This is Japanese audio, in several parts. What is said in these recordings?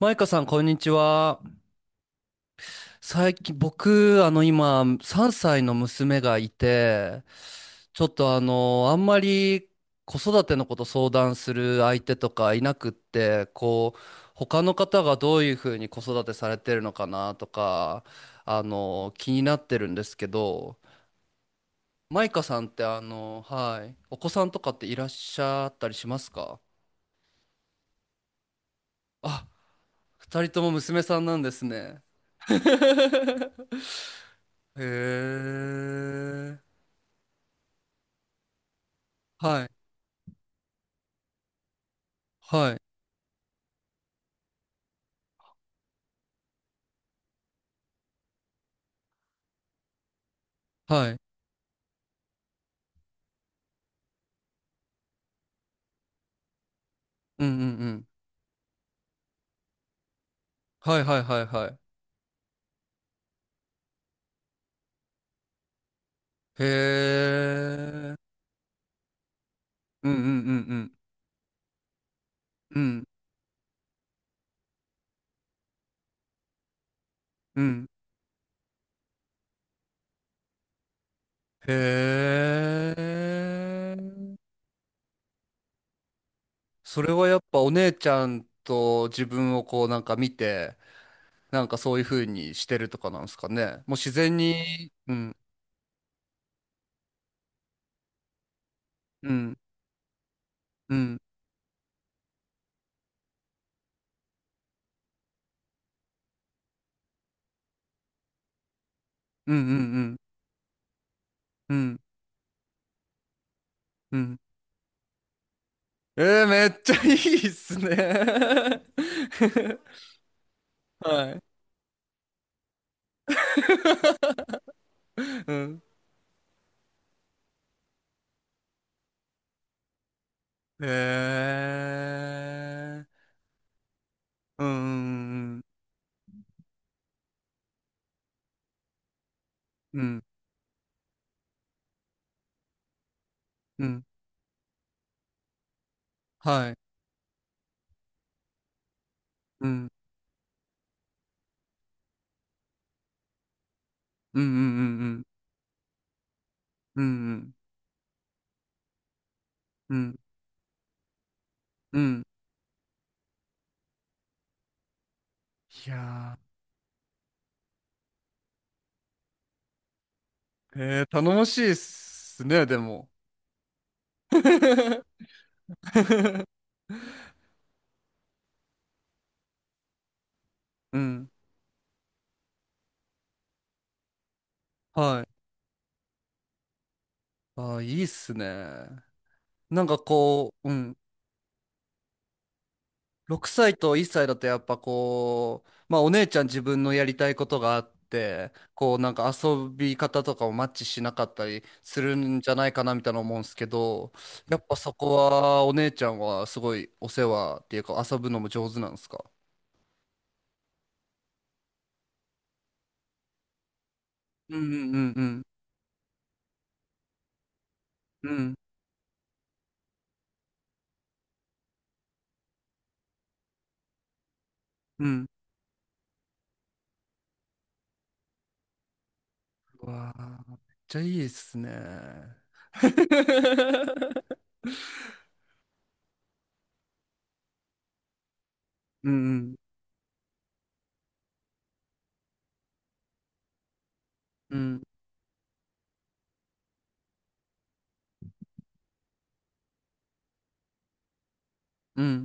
マイカさん、こんにちは。最近、僕、今、3歳の娘がいて、ちょっとあんまり子育てのこと相談する相手とかいなくって、こう、他の方がどういうふうに子育てされてるのかなとか、気になってるんですけど、マイカさんって、はい、お子さんとかっていらっしゃったりしますか？あ、二人とも娘さんなんですね。へえ。はい、はい、はい。うんうんうん。はいはいはいはい。へえ。うんうんうんうん。うんうん。へえ。それはやっぱお姉ちゃんと自分をこうなんか見て、なんかそういう風にしてるとかなんですかね。もう自然に、うん、うん、うん、うんうんうん、うん、うん。えー、めっちゃいいっすね。はい。うんええうん、うん、うん、はい、うん、うん、うん、うん、うん、うん、うん、うん。うんいやー、えー、頼もしいっすね、でも。うん、はい。あー、いいっすね。なんかこう、うん、6歳と1歳だとやっぱこう、まあお姉ちゃん自分のやりたいことがあって、こうなんか遊び方とかもマッチしなかったりするんじゃないかなみたいな思うんですけど、やっぱそこはお姉ちゃんはすごいお世話っていうか遊ぶのも上手なんですか？うんうんうんうんうんうんうわあ、めっちゃいいっすね。うんうんうんうん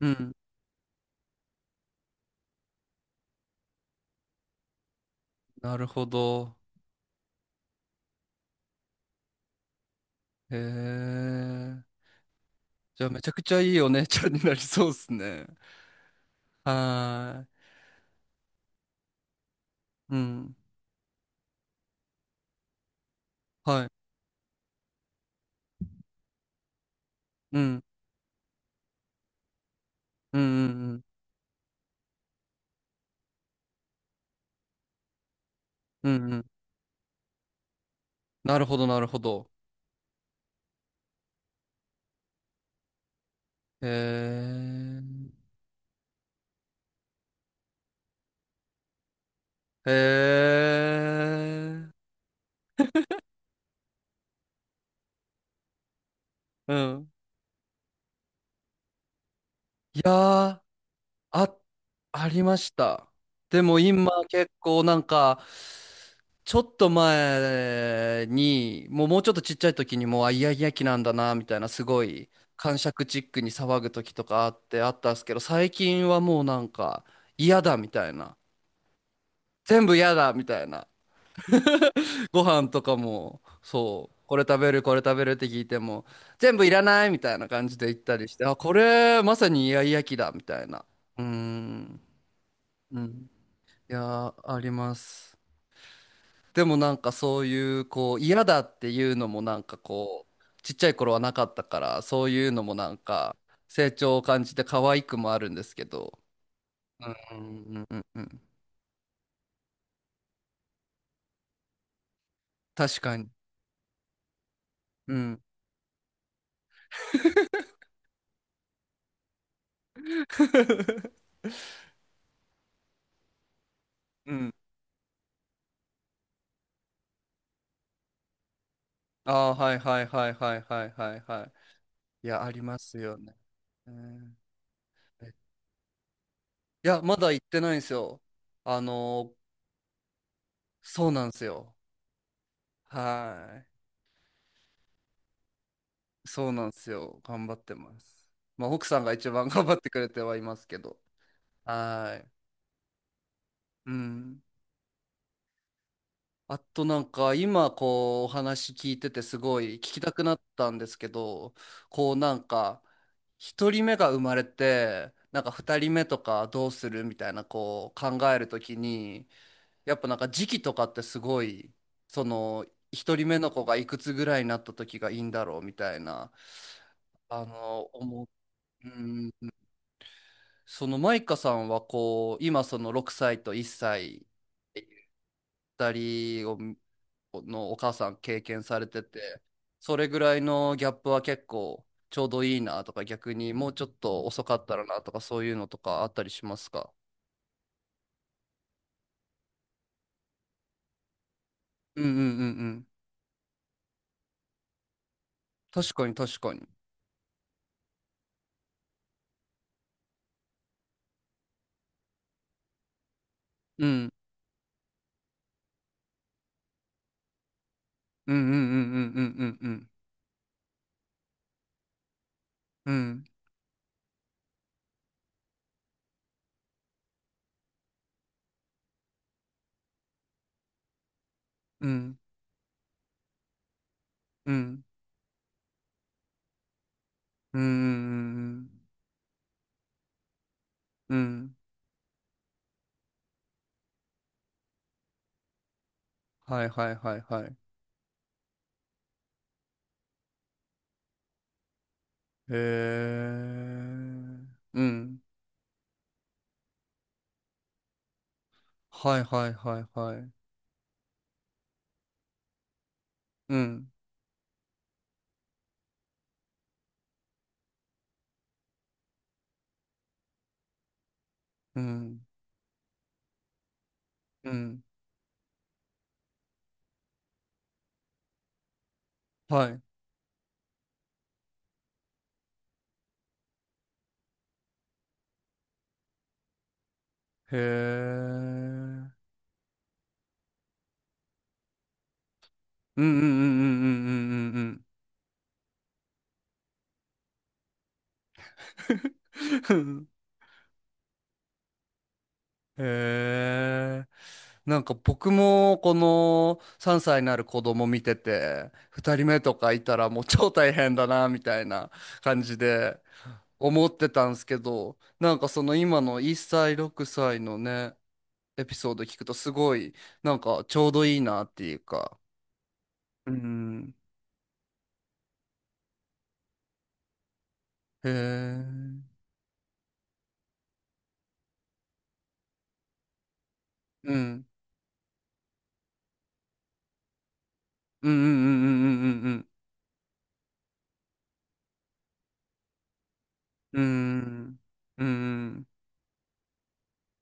うん。なるほど。へえ。じゃあめちゃくちゃいいお姉ちゃんになりそうっすね。はーい。うん。はい。うん。うんうんうん。うんうん。なるほどなるほど。へえ。へえ。うん。いやー、あ、ありました。でも今結構なんか、ちょっと前に、もうちょっとちっちゃい時にもう、あ、イヤイヤ期なんだな、みたいな、すごい、癇癪チックに騒ぐ時とかあって、あったんですけど、最近はもうなんか、嫌だ、みたいな。全部嫌だ、みたいな。ご飯とかも、そう、これ食べる、これ食べるって聞いても、全部いらない、みたいな感じで言ったりして、あ、これ、まさにイヤイヤ期だ、みたいな。うーん、うん。いやー、あります。でもなんかそういうこう嫌だっていうのもなんかこうちっちゃい頃はなかったからそういうのもなんか成長を感じて可愛くもあるんですけどうんうんうんうん確かにうんうんああーはいはいはいはいはいはいはいいやありますよね、うんえいやまだ行ってないんですよあのそうなんですよはいそうなんですよ頑張ってますまあ奥さんが一番頑張ってくれてはいますけどはいうん。あとなんか今こうお話聞いててすごい聞きたくなったんですけど、こうなんか一人目が生まれて、なんか二人目とかどうするみたいなこう考えるときに、やっぱなんか時期とかってすごい、その一人目の子がいくつぐらいになった時がいいんだろうみたいな、思う。うん、そのマイカさんはこう今その6歳と1歳二人をのお母さん経験されてて、それぐらいのギャップは結構ちょうどいいなとか、逆にもうちょっと遅かったらなとか、そういうのとかあったりしますか？うんうんうんうん。確かに確かに。うん。うんうんうんうんうんうんうんうんうんうんうんうんうんうんはいはいはいはい。へえ。うん。はいはいはいはい。うんうんうん。はい。へえ。うんうんうんうんうんうんうんうん へえ。なんか僕もこの3歳になる子供見てて、2人目とかいたらもう超大変だなみたいな感じで思ってたんですけど、なんかその今の1歳、6歳のね、エピソード聞くとすごいなんかちょうどいいなっていうか。うん。へえ。うん。うんうんうんうんうんうんうん。うん。うん。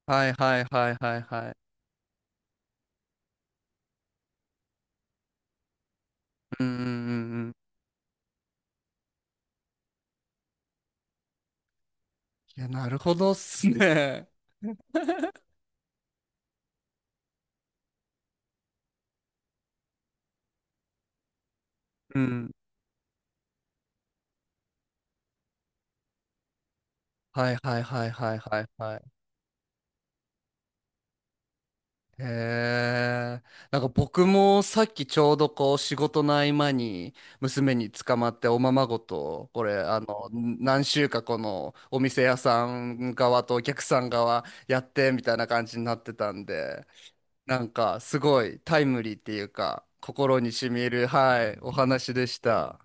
はいはいはいはいはい。うんうんうんうん。いや、なるほどっすね。うん。はいはいはいはいはいはい。へえ。なんか僕もさっきちょうどこう仕事の合間に娘に捕まっておままごと、これ何週かこのお店屋さん側とお客さん側やってみたいな感じになってたんで、なんかすごいタイムリーっていうか心に染みる、はい、お話でした。